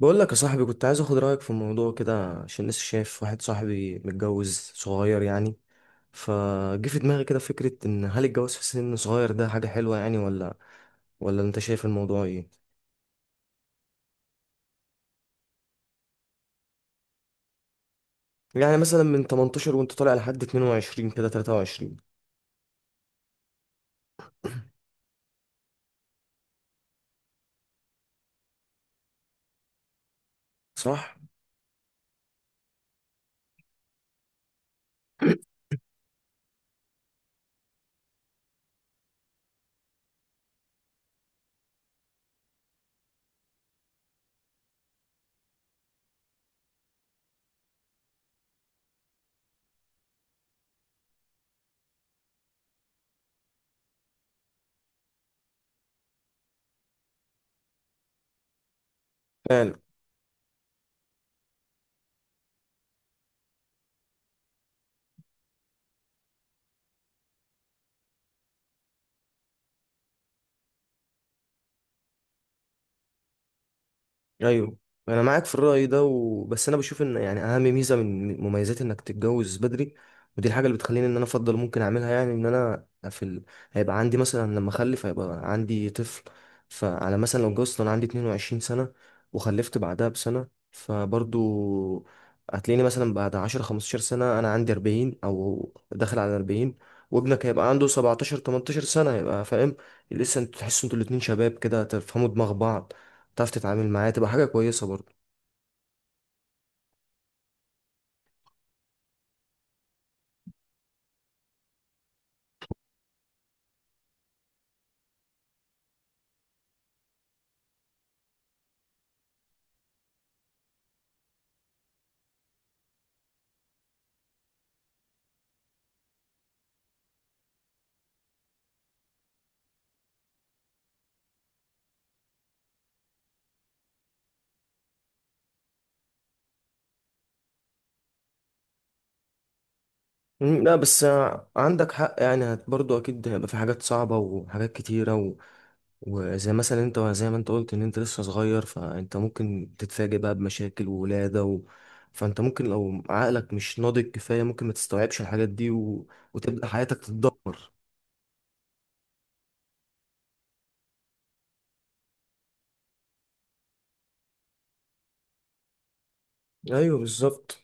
بقول لك يا صاحبي، كنت عايز اخد رايك في الموضوع كده عشان لسه شايف واحد صاحبي متجوز صغير يعني. فجه في دماغي كده فكره ان هل الجواز في سن صغير ده حاجه حلوه يعني، ولا انت شايف الموضوع ايه؟ يعني مثلا من 18 وانت طالع لحد 22 كده 23. صح؟ يعني ايوه انا معاك في الرأي ده بس انا بشوف ان يعني اهم ميزة من مميزات انك تتجوز بدري، ودي الحاجة اللي بتخليني ان انا افضل ممكن اعملها، يعني ان انا في هيبقى عندي مثلا لما اخلف هيبقى عندي طفل. فانا مثلا لو اتجوزت وانا عندي 22 سنة وخلفت بعدها بسنة، فبرضو هتلاقيني مثلا بعد 10 15 سنة انا عندي 40 او داخل على 40، وابنك هيبقى عنده 17 18 سنة هيبقى فاهم. لسه انتوا تحسوا انتوا الاتنين شباب كده، تفهموا دماغ بعض، تعرف تتعامل معاه، تبقى حاجة كويسة برضه. لا بس عندك حق، يعني برضه أكيد هيبقى في حاجات صعبة وحاجات كتيرة وزي مثلا أنت، زي ما أنت قلت إن أنت لسه صغير، فأنت ممكن تتفاجئ بقى بمشاكل وولادة فأنت ممكن لو عقلك مش ناضج كفاية ممكن ما تستوعبش الحاجات دي وتبدأ حياتك تتدمر. أيوه بالظبط.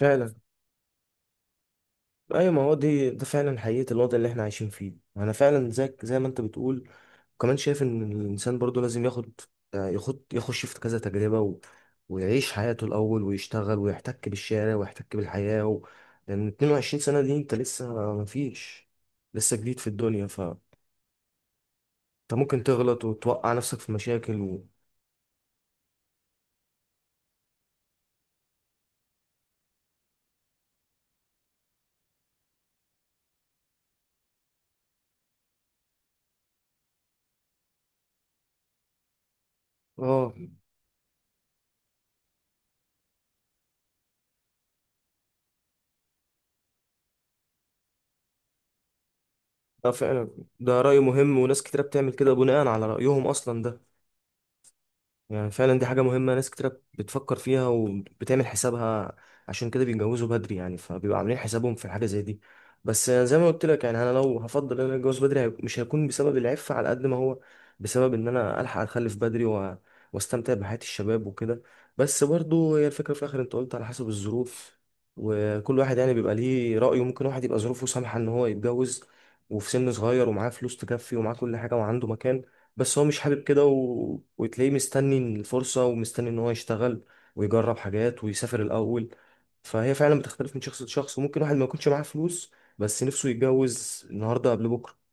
فعلا. أيوه، ما هو دي ده فعلا حقيقة الوضع اللي إحنا عايشين فيه. أنا فعلا زيك زي ما أنت بتقول، وكمان شايف ان الانسان برضو لازم ياخد يخش في كذا تجربه ويعيش حياته الاول ويشتغل ويحتك بالشارع ويحتك بالحياه لان 22 سنه دي انت لسه ما فيش، لسه جديد في الدنيا، فانت ممكن تغلط وتوقع نفسك في مشاكل اه. ده فعلا. ده رأي مهم، وناس كتيرة بتعمل كده بناء على رأيهم أصلا ده. يعني فعلا دي حاجة مهمة، ناس كتير بتفكر فيها وبتعمل حسابها، عشان كده بيتجوزوا بدري يعني، فبيبقوا عاملين حسابهم في حاجة زي دي. بس زي ما قلت لك يعني انا لو هفضل ان انا اتجوز بدري مش هيكون بسبب العفة على قد ما هو بسبب ان انا الحق اخلف بدري واستمتع بحياة الشباب وكده. بس برضو هي الفكرة في الاخر، انت قلت على حسب الظروف، وكل واحد يعني بيبقى ليه رأيه. ممكن واحد يبقى ظروفه سامحة ان هو يتجوز وفي سن صغير، ومعاه فلوس تكفي، ومعاه كل حاجة، وعنده مكان، بس هو مش حابب كده وتلاقيه مستني الفرصة ومستني ان هو يشتغل ويجرب حاجات ويسافر الاول. فهي فعلا بتختلف من شخص لشخص، وممكن واحد ما يكونش معاه فلوس بس نفسه يتجوز النهاردة قبل بكرة.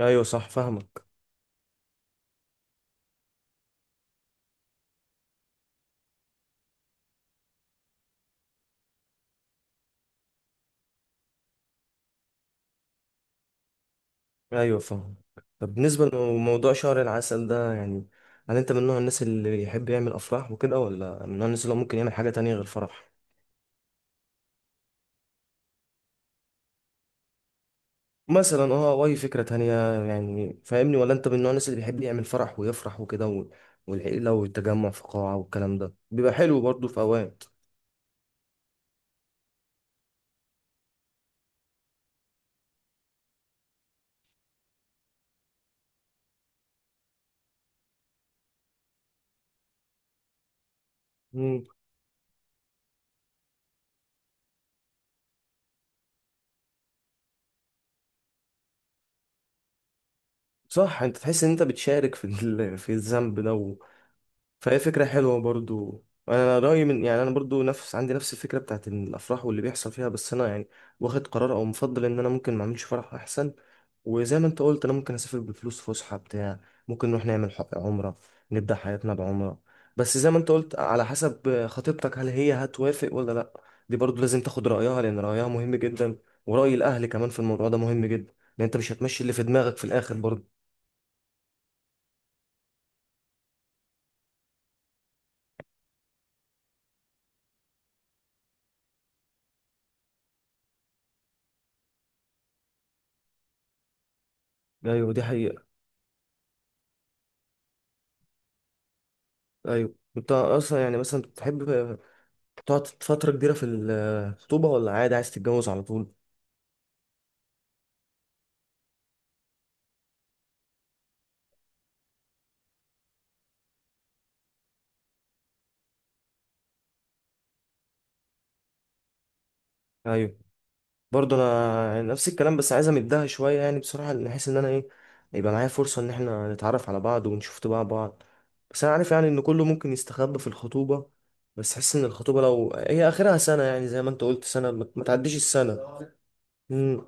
ايوه صح، فاهمك. ايوه فاهم. طب بالنسبة لموضوع شهر العسل ده يعني، هل انت من نوع الناس اللي يحب يعمل افراح وكده، ولا من نوع الناس اللي هو ممكن يعمل حاجة تانية غير فرح؟ مثلا اه او اي فكره تانية، يعني فاهمني؟ ولا انت من نوع الناس اللي بيحب يعمل فرح ويفرح وكده والعيله والتجمع في قاعه والكلام ده بيبقى حلو برضه في اوقات. مم. صح. انت تحس ان انت بتشارك في في الذنب ده. فهي فكرة حلوة برضو. أنا رأيي من يعني، أنا برضو نفس عندي نفس الفكرة بتاعت إن الأفراح واللي بيحصل فيها، بس أنا يعني واخد قرار أو مفضل إن أنا ممكن ما أعملش فرح أحسن. وزي ما أنت قلت، أنا ممكن أسافر بفلوس فسحة بتاع، ممكن نروح نعمل عمرة، نبدأ حياتنا بعمرة. بس زي ما أنت قلت على حسب خطيبتك هل هي هتوافق ولا لأ. دي برضو لازم تاخد رأيها لأن رأيها مهم جدا، ورأي الأهل كمان في الموضوع ده مهم جدا، لأن أنت مش هتمشي اللي في دماغك في الآخر برضو. أيوة دي حقيقة. أيوة، انت اصلا يعني مثلا بتحب تقعد فترة كبيرة في الخطوبة، ولا عادي عايز تتجوز على طول؟ ايوه برضه انا يعني نفس الكلام، بس عايز امدها شوية يعني بصراحة، بحيث ان انا ايه، يبقى معايا فرصة ان احنا نتعرف على بعض ونشوف طباع بعض. بس انا عارف يعني ان كله ممكن يستخبى في الخطوبة، بس حس ان الخطوبة لو هي اخرها سنة يعني زي ما انت قلت سنة، ما تعديش السنة. امم.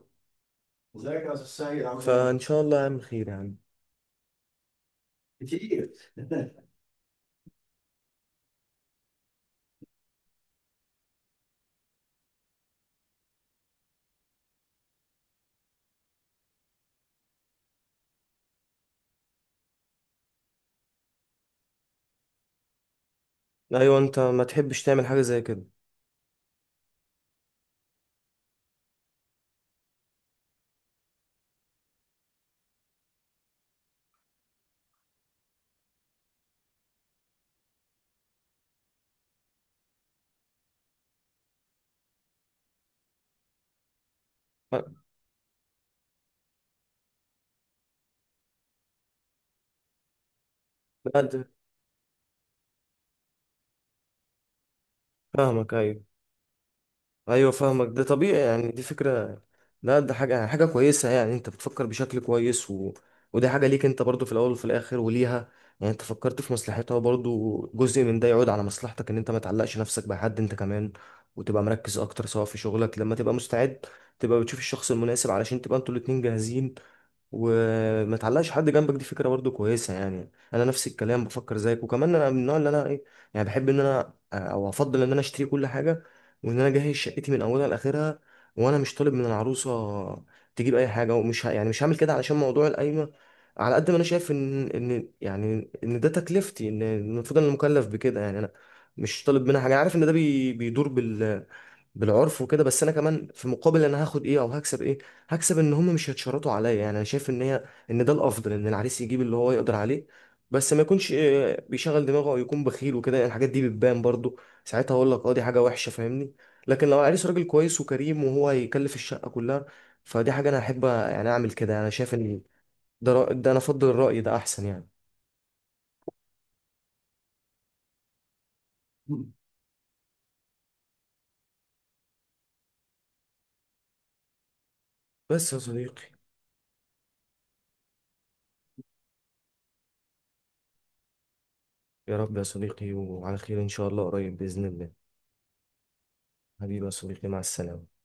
فان شاء الله يعمل خير يعني. ايوه، انت ما تحبش تعمل حاجة زي كده. لا، فاهمك. ايوه ايوه فاهمك، ده طبيعي يعني، دي فكره. لا ده حاجه كويسه، يعني انت بتفكر بشكل كويس ودي حاجه ليك انت برضو في الاول وفي الاخر، وليها. يعني انت فكرت في مصلحتها، وبرضو جزء من ده يعود على مصلحتك، ان انت ما تعلقش نفسك بحد، انت كمان وتبقى مركز اكتر سواء في شغلك، لما تبقى مستعد تبقى بتشوف الشخص المناسب علشان تبقى انتوا الاتنين جاهزين وما تعلقش حد جنبك. دي فكره برضو كويسه يعني. انا نفس الكلام بفكر زيك، وكمان انا من النوع اللي انا ايه، يعني بحب ان انا او افضل ان انا اشتري كل حاجه، وان انا اجهز شقتي من اولها لاخرها، وانا مش طالب من العروسه تجيب اي حاجه، ومش يعني مش هعمل كده علشان موضوع القايمه. على قد ما انا شايف ان يعني ان ده تكلفتي، ان المفروض انا مكلف بكده، يعني انا مش طالب منها حاجه. عارف ان ده بيدور بال، بالعرف وكده، بس انا كمان في مقابل انا هاخد ايه او هكسب ايه؟ هكسب ان هم مش هيتشرطوا عليا. يعني انا شايف ان هي ان ده الافضل، ان العريس يجيب اللي هو يقدر عليه، بس ما يكونش بيشغل دماغه او يكون بخيل وكده، يعني الحاجات دي بتبان برضو ساعتها. اقول لك اه، دي حاجه وحشه، فاهمني؟ لكن لو العريس راجل كويس وكريم، وهو هيكلف الشقه كلها، فدي حاجه انا احب يعني اعمل كده. انا شايف ان ده ده انا افضل الراي ده احسن يعني. بس يا صديقي، يا رب يا صديقي، وعلى خير ان شاء الله قريب باذن الله. حبيبي يا صديقي، مع السلامه.